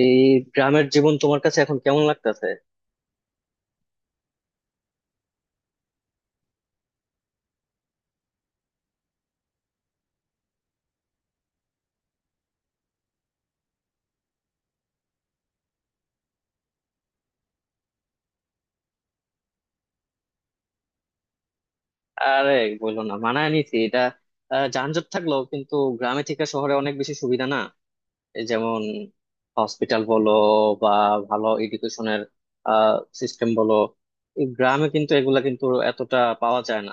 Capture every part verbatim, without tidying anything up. এই গ্রামের জীবন তোমার কাছে এখন কেমন লাগতেছে? আরে, বললো না, মানায় নিছি এটা। আহ, যানজট থাকলেও কিন্তু গ্রামে থেকে শহরে অনেক বেশি সুবিধা না। এই যেমন হসপিটাল বলো বা ভালো এডুকেশনের সিস্টেম বলো, এই গ্রামে কিন্তু এগুলা কিন্তু এতটা পাওয়া যায় না।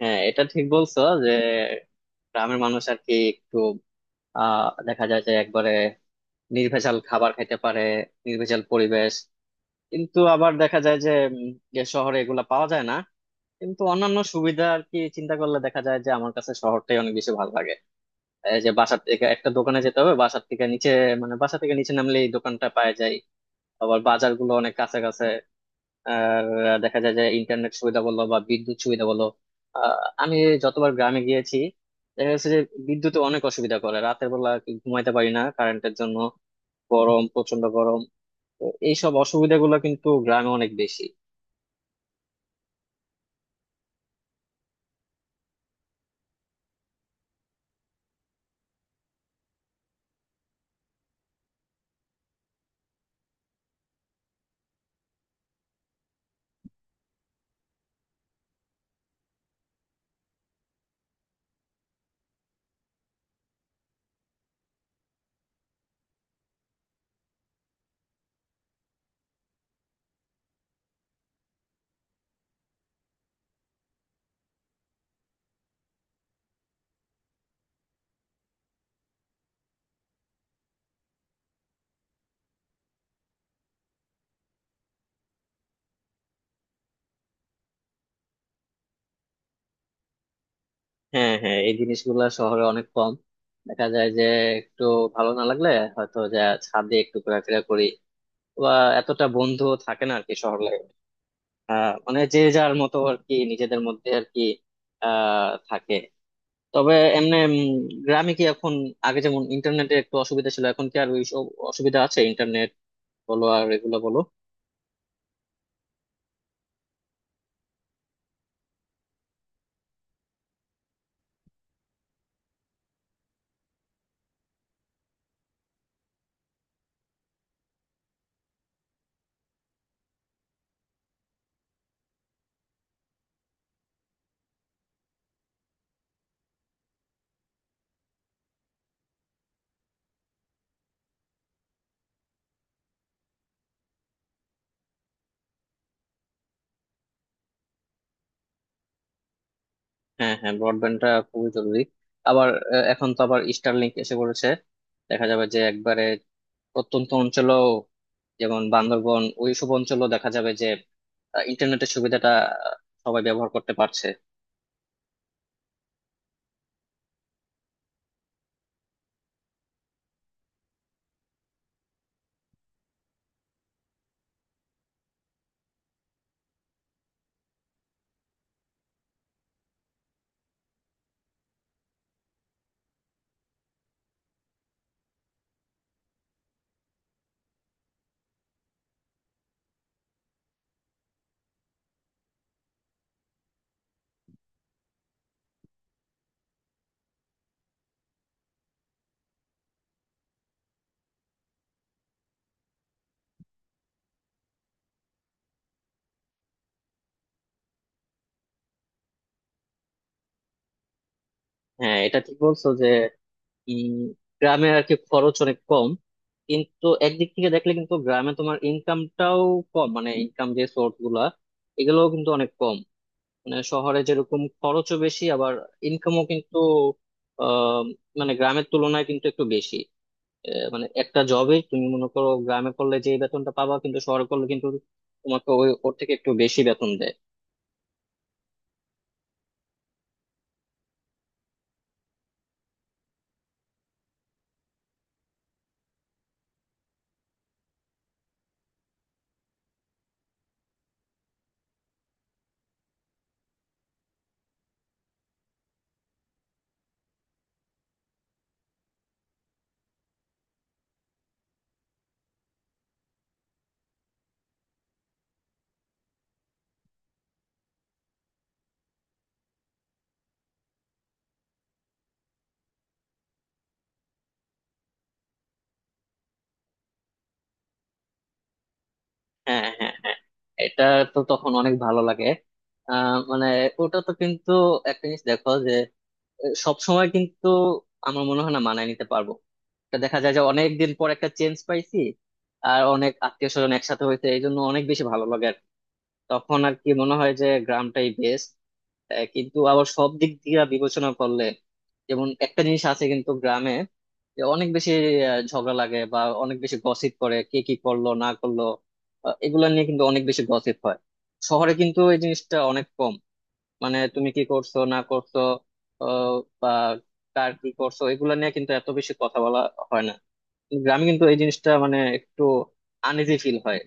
হ্যাঁ, এটা ঠিক বলছো যে গ্রামের মানুষ আর কি একটু আহ দেখা যায় যে একবারে নির্ভেজাল খাবার খেতে পারে, নির্ভেজাল পরিবেশ। কিন্তু আবার দেখা যায় যে উম, যে শহরে এগুলা পাওয়া যায় না, কিন্তু অন্যান্য সুবিধা আর কি চিন্তা করলে দেখা যায় যে আমার কাছে শহরটাই অনেক বেশি ভালো লাগে। এই যে বাসার থেকে একটা দোকানে যেতে হবে, বাসার থেকে নিচে, মানে বাসা থেকে নিচে নামলে এই দোকানটা পাওয়া যায়। আবার বাজারগুলো অনেক কাছে কাছে। আর দেখা যায় যে ইন্টারনেট সুবিধা বলো বা বিদ্যুৎ সুবিধা বলো, আহ আমি যতবার গ্রামে গিয়েছি দেখা যাচ্ছে যে বিদ্যুতে অনেক অসুবিধা করে, রাতের বেলা কি ঘুমাইতে পারি না কারেন্টের জন্য। গরম, প্রচন্ড গরম। তো এইসব অসুবিধাগুলো কিন্তু গ্রামে অনেক বেশি। হ্যাঁ, হ্যাঁ, এই জিনিসগুলা শহরে অনেক কম। দেখা যায় যে একটু ভালো না লাগলে হয়তো যে ছাদে একটু ঘোরাফেরা করি, বা এতটা বন্ধু থাকে না আর কি শহর লাইফে। আহ মানে যে যার মতো আর কি, নিজেদের মধ্যে আর কি আহ থাকে। তবে এমনি উম, গ্রামে কি এখন আগে যেমন ইন্টারনেটে একটু অসুবিধা ছিল, এখন কি আর ওই সব অসুবিধা আছে? ইন্টারনেট বলো আর এগুলো বলো। হ্যাঁ, হ্যাঁ, ব্রডব্যান্ডটা খুবই জরুরি। আবার আহ, এখন তো আবার স্টারলিংক এসে পড়েছে। দেখা যাবে যে একবারে প্রত্যন্ত অঞ্চলেও, যেমন বান্দরবন ওইসব অঞ্চলও দেখা যাবে যে আহ, ইন্টারনেটের সুবিধাটা আহ, সবাই ব্যবহার করতে পারছে। হ্যাঁ, এটা ঠিক বলছো যে উম, গ্রামে আর কি খরচ অনেক কম। কিন্তু একদিক থেকে দেখলে কিন্তু গ্রামে তোমার ইনকামটাও কম, মানে ইনকাম যে সোর্স গুলা এগুলোও কিন্তু অনেক কম। মানে শহরে যেরকম খরচও বেশি, আবার ইনকামও কিন্তু আহ মানে গ্রামের তুলনায় কিন্তু একটু বেশি। এ, মানে একটা জবে তুমি মনে করো গ্রামে করলে যে বেতনটা পাবা, কিন্তু শহরে করলে কিন্তু তোমাকে ওই ওর থেকে একটু বেশি বেতন দেয়। হ্যাঁ, হ্যাঁ, হ্যাঁ, এটা তো তখন অনেক ভালো লাগে। আহ মানে ওটা তো কিন্তু একটা জিনিস, দেখো যে সব সময় কিন্তু আমার মনে হয় না মানায় নিতে পারবো। এটা দেখা যায় যে অনেক দিন পর একটা চেঞ্জ পাইছি, আর অনেক আত্মীয় স্বজন একসাথে হয়েছে, এই জন্য অনেক বেশি ভালো লাগে আর কি। তখন আর কি মনে হয় যে গ্রামটাই বেস্ট। আহ, কিন্তু আবার সব দিক দিয়ে বিবেচনা করলে যেমন একটা জিনিস আছে কিন্তু গ্রামে, যে অনেক বেশি আহ, ঝগড়া লাগে বা অনেক বেশি গসিপ করে, কে কি করলো না করলো, আহ, এগুলা নিয়ে কিন্তু অনেক বেশি গসিপ হয়। শহরে কিন্তু এই জিনিসটা অনেক কম। মানে তুমি কি করছো না করছো, আহ, বা কার কি করছো, এগুলা নিয়ে কিন্তু এত বেশি কথা বলা হয় না। কিন্তু গ্রামে কিন্তু এই জিনিসটা মানে একটু আনইজি ফিল হয়।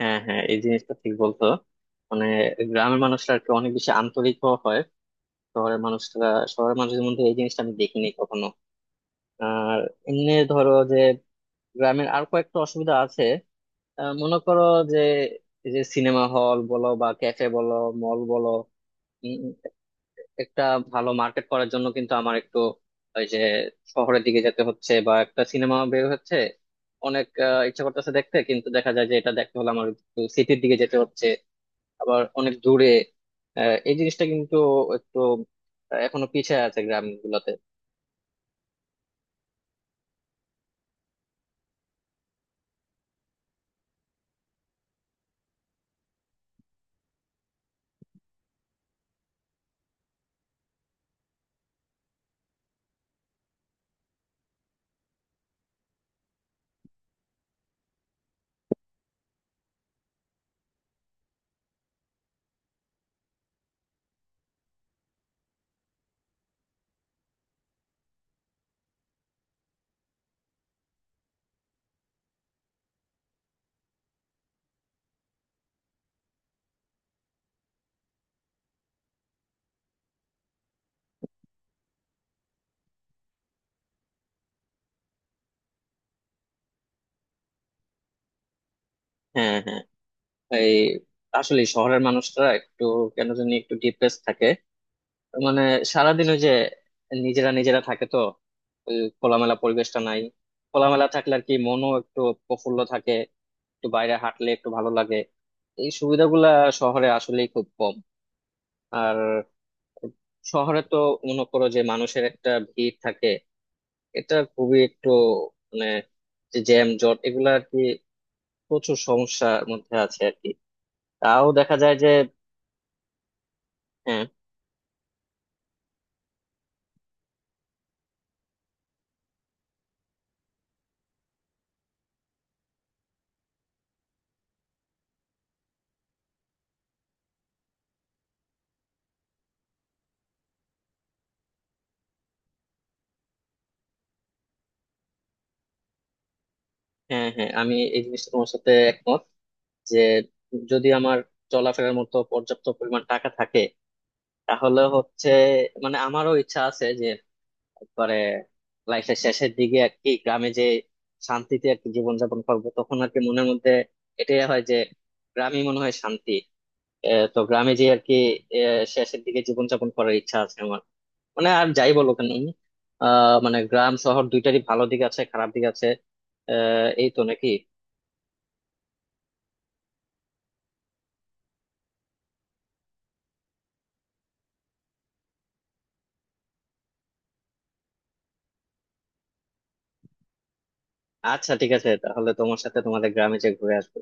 হ্যাঁ, হ্যাঁ, এই জিনিসটা ঠিক বলতো। মানে গ্রামের মানুষরা আর কি অনেক বেশি আন্তরিক হয়। শহরের মানুষরা শহরের মানুষদের মধ্যে এই জিনিসটা আমি দেখিনি কখনো। আর এমনি ধরো যে গ্রামের আর কয়েকটা অসুবিধা আছে। আহ, মনে করো যে এই যে সিনেমা হল বলো বা ক্যাফে বলো, মল বলো, উম, একটা ভালো মার্কেট করার জন্য কিন্তু আমার একটু ওই যে শহরের দিকে যেতে হচ্ছে, বা একটা সিনেমা বের হচ্ছে, অনেক আহ, ইচ্ছা করতেছে দেখতে, কিন্তু দেখা যায় যে এটা দেখতে হলে আমার একটু সিটির দিকে যেতে হচ্ছে, আবার অনেক দূরে। আহ, এই জিনিসটা কিন্তু একটু আহ, এখনো পিছিয়ে আছে গ্রাম গুলাতে। হ্যাঁ, হ্যাঁ, এই আসলে শহরের মানুষরা একটু কেন জানি একটু ডিপ্রেস থাকে। মানে সারাদিন ওই যে নিজেরা নিজেরা থাকে তো, ওই খোলামেলা পরিবেশটা নাই। খোলামেলা থাকলে আর কি মনও একটু প্রফুল্ল থাকে, একটু বাইরে হাঁটলে একটু ভালো লাগে। এই সুবিধাগুলা শহরে আসলেই খুব কম। আর শহরে তো মনে করো যে মানুষের একটা ভিড় থাকে, এটা খুবই একটু মানে যে জ্যাম জট, এগুলা আর কি প্রচুর সমস্যার মধ্যে আছে আর কি। তাও দেখা যায় যে হ্যাঁ, হ্যাঁ, হ্যাঁ, আমি এই জিনিসটা তোমার সাথে একমত যে যদি আমার চলাফেরার মতো পর্যাপ্ত পরিমাণ টাকা থাকে, তাহলে হচ্ছে মানে আমারও ইচ্ছা আছে যে একবারে লাইফের শেষের দিকে আর কি গ্রামে যে শান্তিতে আর কি জীবনযাপন করবো। তখন আর কি মনের মধ্যে এটাই হয় যে গ্রামই মনে হয় শান্তি। আহ, তো গ্রামে যে আর কি আহ, শেষের দিকে জীবনযাপন করার ইচ্ছা আছে আমার। মানে আর যাই বলো কেন আহ মানে গ্রাম শহর দুইটারই ভালো দিক আছে, খারাপ দিক আছে। আহ এই তো, নাকি? আচ্ছা, ঠিক আছে, তাহলে তোমার সাথে তোমাদের গ্রামে যে ঘুরে আসবো।